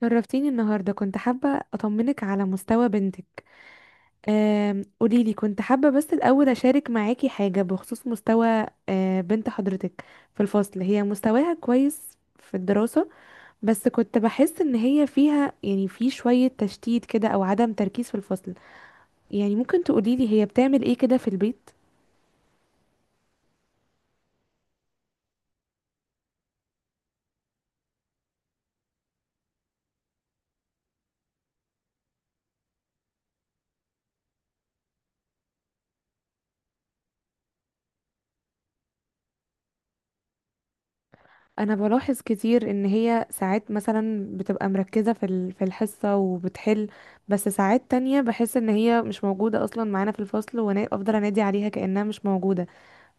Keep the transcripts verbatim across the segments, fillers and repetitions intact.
شرفتيني النهارده، كنت حابة أطمنك على مستوى بنتك. آم، قوليلي، كنت حابة بس الأول أشارك معاكي حاجة بخصوص مستوى آه، بنت حضرتك في الفصل. هي مستواها كويس في الدراسة، بس كنت بحس إن هي فيها يعني في شوية تشتيت كده أو عدم تركيز في الفصل. يعني ممكن تقوليلي هي بتعمل إيه كده في البيت؟ انا بلاحظ كتير ان هي ساعات مثلا بتبقى مركزة في ال- في الحصة وبتحل، بس ساعات تانية بحس ان هي مش موجودة اصلا معانا في الفصل، وانا افضل انادي عليها كأنها مش موجودة.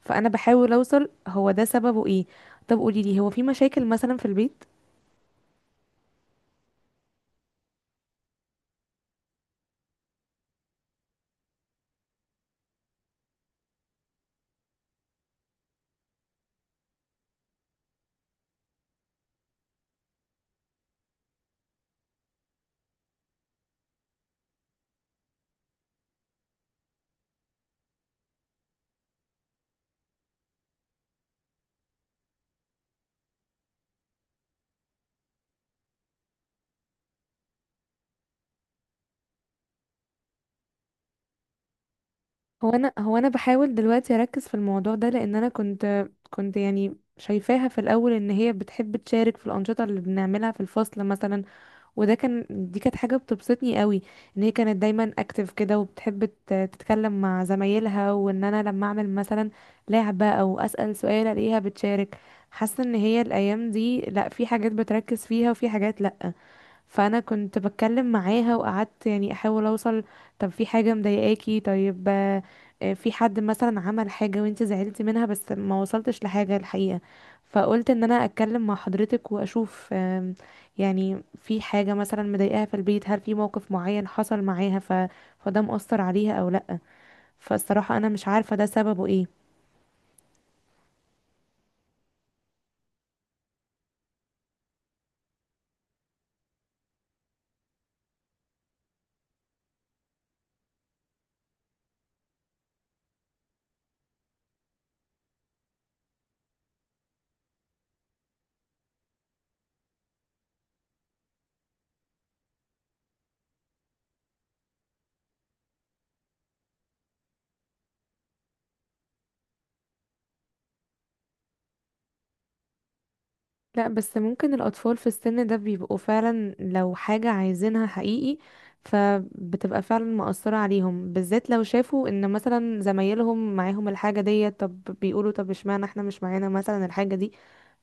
فانا بحاول اوصل هو ده سببه ايه. طب قوليلي، هو في مشاكل مثلا في البيت؟ هو انا هو انا بحاول دلوقتي اركز في الموضوع ده، لان انا كنت كنت يعني شايفاها في الاول ان هي بتحب تشارك في الانشطة اللي بنعملها في الفصل مثلا، وده كان دي كانت حاجة بتبسطني قوي. ان هي كانت دايما اكتف كده، وبتحب ت- تتكلم مع زمايلها، وان انا لما اعمل مثلا لعبة او اسأل سؤال الاقيها بتشارك. حاسة ان هي الايام دي لا، في حاجات بتركز فيها وفي حاجات لا. فانا كنت بتكلم معاها وقعدت يعني احاول اوصل، طب في حاجه مضايقاكي؟ طيب آه، آه، في حد مثلا عمل حاجه وانت زعلتي منها؟ بس ما وصلتش لحاجه الحقيقه. فقلت ان انا اتكلم مع حضرتك واشوف آم، يعني في حاجه مثلا مضايقاها في البيت، هل في موقف معين حصل معاها ف... فده مأثر عليها او لا؟ فالصراحه انا مش عارفه ده سببه ايه. لا بس ممكن الأطفال في السن ده بيبقوا فعلا لو حاجة عايزينها حقيقي، فبتبقى فعلا مأثرة عليهم، بالذات لو شافوا ان مثلا زمايلهم معاهم الحاجة دي، طب بيقولوا طب اشمعنى احنا مش معانا مثلا الحاجة دي؟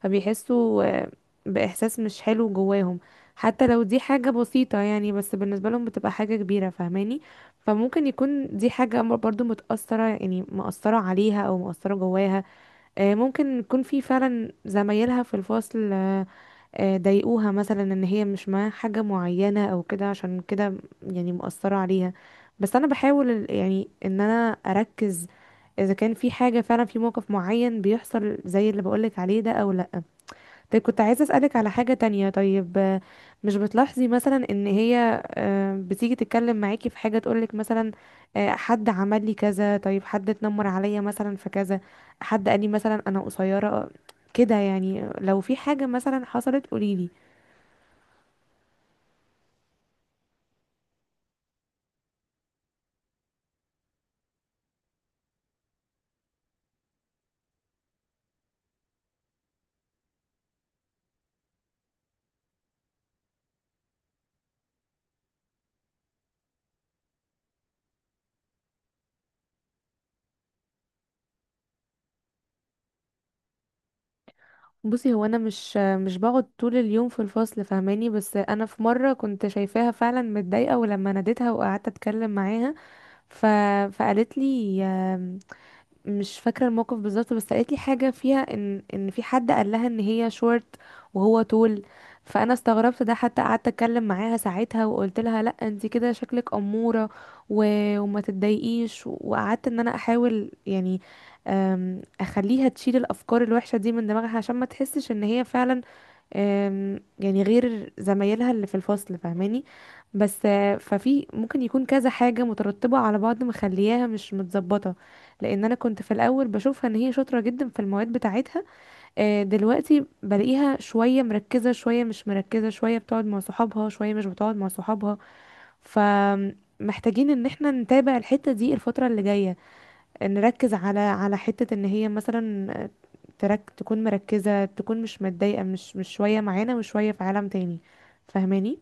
فبيحسوا آه، بإحساس مش حلو جواهم. حتى لو دي حاجة بسيطة يعني، بس بالنسبة لهم بتبقى حاجة كبيرة، فاهماني؟ فممكن يكون دي حاجة برضو متأثرة، يعني مأثرة عليها أو مأثرة جواها. آه، ممكن يكون في فعلا زمايلها في الفصل آه، آه، ضايقوها مثلا ان هي مش معاها حاجة معينة او كده، عشان كده يعني مؤثرة عليها. بس انا بحاول ال- يعني ان انا اركز اذا كان في حاجة فعلا، في موقف معين بيحصل زي اللي بقولك عليه ده او لا. طيب كنت عايزة أسألك على حاجة تانية، طيب آه، مش بتلاحظي مثلا إن هي آه، بتيجي تتكلم معاكي في حاجة تقولك مثلا آه، حد عمل لي كذا، طيب حد اتنمر عليا مثلا في كذا، حد قال لي مثلا أنا قصيرة؟ كده يعني لو في حاجة مثلا حصلت قوليلي. بصي، هو أنا مش آه، مش بقعد طول اليوم في الفصل، فاهماني؟ بس أنا في مرة كنت شايفاها فعلا متضايقة، ولما ناديتها وقعدت أتكلم معاها ف... فقالت لي، مش فاكرة الموقف بالظبط، بس قالت لي حاجة فيها ان ان في حد قال لها ان هي شورت وهو طول. فانا استغربت ده، حتى قعدت اتكلم معاها ساعتها وقلت لها لا، انت كده شكلك امورة و... وما تتضايقيش، وقعدت ان انا احاول يعني أم، اخليها تشيل الافكار الوحشة دي من دماغها، عشان ما تحسش ان هي فعلا آم، يعني غير زمايلها اللي في الفصل، فاهماني؟ بس آه، ففي ممكن يكون كذا حاجة مترتبة على بعض مخلياها مش متظبطة. لأن أنا كنت في الأول بشوفها إن هي شاطرة جدا في المواد بتاعتها. آه، دلوقتي بلاقيها شوية مركزة شوية مش مركزة، شوية بتقعد مع صحابها شوية مش بتقعد مع صحابها. فمحتاجين إن احنا نتابع الحتة دي الفترة اللي جاية، نركز على على حتة ان هي مثلا ترك تكون مركزة، تكون مش متضايقة، مش مش شوية معانا وشوية في عالم تاني، فاهماني؟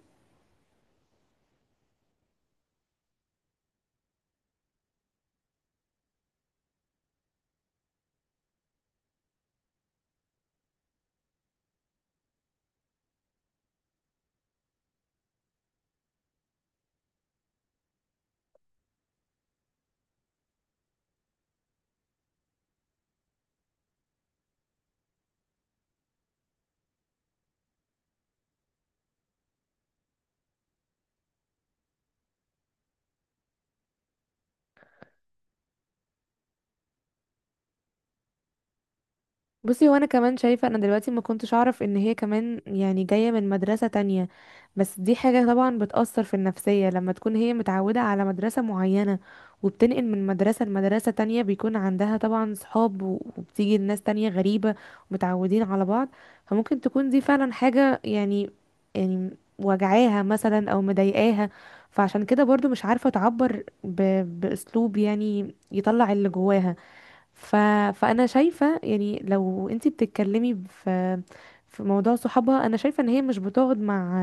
بصي، وانا كمان شايفة، انا دلوقتي ما كنتش اعرف ان هي كمان يعني جاية من مدرسة تانية. بس دي حاجة طبعا بتأثر في النفسية، لما تكون هي متعودة على مدرسة معينة وبتنقل من مدرسة لمدرسة تانية، بيكون عندها طبعا صحاب و- وبتيجي ناس تانية غريبة ومتعودين على بعض. فممكن تكون دي فعلا حاجة يعني يعني وجعاها مثلا او مضايقاها، فعشان كده برضو مش عارفة تعبر ب... بأسلوب يعني يطلع اللي جواها. ف... فانا شايفه يعني لو انتي بتتكلمي في في موضوع صحابها، انا شايفه ان هي مش بتقعد مع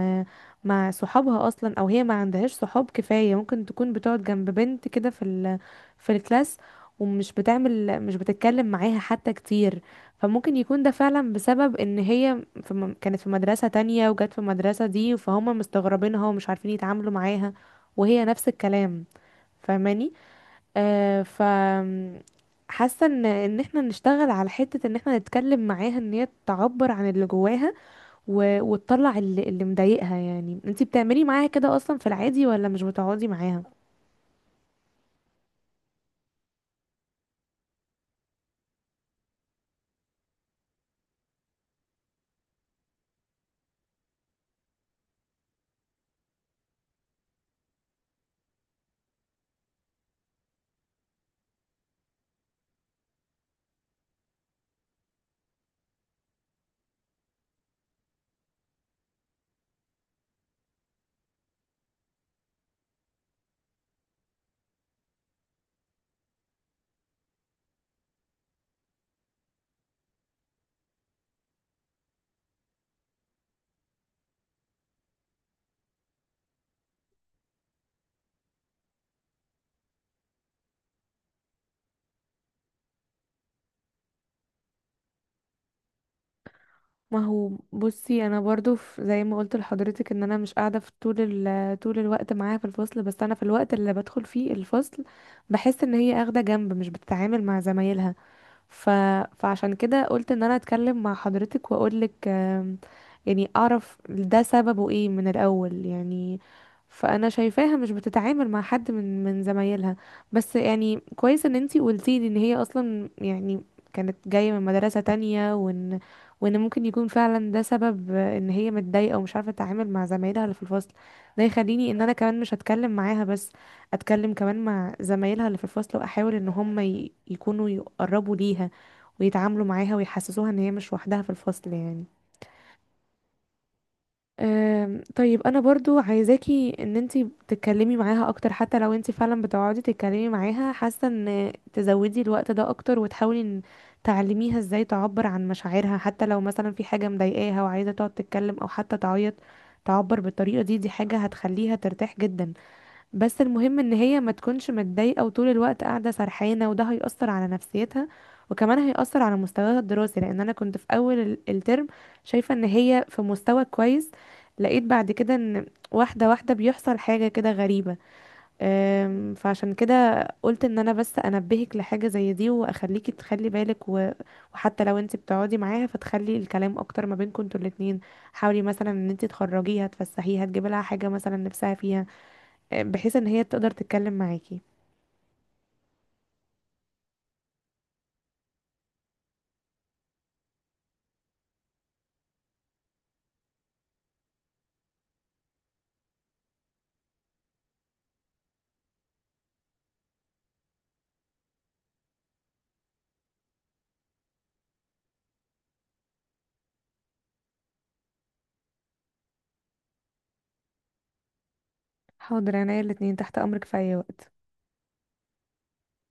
مع صحابها اصلا، او هي ما عندهاش صحاب كفايه. ممكن تكون بتقعد جنب بنت كده في ال... في الكلاس، ومش بتعمل مش بتتكلم معاها حتى كتير. فممكن يكون ده فعلا بسبب ان هي في م... كانت في مدرسه تانية وجت في المدرسه دي، فهم مستغربينها ومش عارفين يتعاملوا معاها، وهي نفس الكلام، فاهماني؟ آه ف حاسه ان ان احنا نشتغل على حته ان احنا نتكلم معاها، ان هي تعبر عن اللي جواها و... وتطلع اللي, اللي مضايقها. يعني انتي بتعملي معاها كده اصلا في العادي، ولا مش بتقعدي معاها؟ ما هو بصي انا برضو، في زي ما قلت لحضرتك، ان انا مش قاعده في طول ال... طول الوقت معاها في الفصل، بس انا في الوقت اللي بدخل فيه الفصل بحس ان هي اخده جنب، مش بتتعامل مع زمايلها. ف... فعشان كده قلت ان انا اتكلم مع حضرتك واقولك آم، يعني اعرف ده سببه ايه من الاول يعني. فانا شايفاها مش بتتعامل مع حد من من زمايلها. بس يعني كويس ان انتي قلتي لي ان هي اصلا يعني كانت جاية من مدرسة تانية، وان وان ممكن يكون فعلا ده سبب آه، ان هي متضايقة ومش عارفة تتعامل مع زمايلها اللي في الفصل. ده يخليني ان انا كمان مش هتكلم معاها بس، اتكلم كمان مع زمايلها اللي في الفصل، واحاول ان هم ي- يكونوا يقربوا ليها ويتعاملوا معاها ويحسسوها ان هي مش وحدها في الفصل يعني. أم، طيب انا برضو عايزاكي ان انتي تتكلمي معاها اكتر، حتى لو انتي فعلا بتقعدي تتكلمي معاها، حاسه ان تزودي الوقت ده اكتر، وتحاولي ان تعلميها ازاي تعبر عن مشاعرها. حتى لو مثلا في حاجه مضايقاها وعايزه تقعد تتكلم او حتى تعيط تعبر بالطريقه دي، دي حاجه هتخليها ترتاح جدا. بس المهم ان هي ما تكونش متضايقه وطول الوقت قاعده سرحانه، وده هيأثر على نفسيتها، وكمان هيأثر على مستواها الدراسي. لان انا كنت في اول ال- الترم شايفه ان هي في مستوى كويس، لقيت بعد كده ان واحده واحده بيحصل حاجه كده غريبه. أم، فعشان كده قلت ان انا بس انبهك لحاجه زي دي، واخليكي تخلي بالك و- وحتى لو انت بتقعدي معاها فتخلي الكلام اكتر ما بينكم انتوا الاتنين. حاولي مثلا ان انت تخرجيها، تفسحيها، تجيبي لها حاجه مثلا نفسها فيها، بحيث ان هي تقدر تتكلم معاكي. حاضر، انا الاتنين تحت امرك في اي وقت.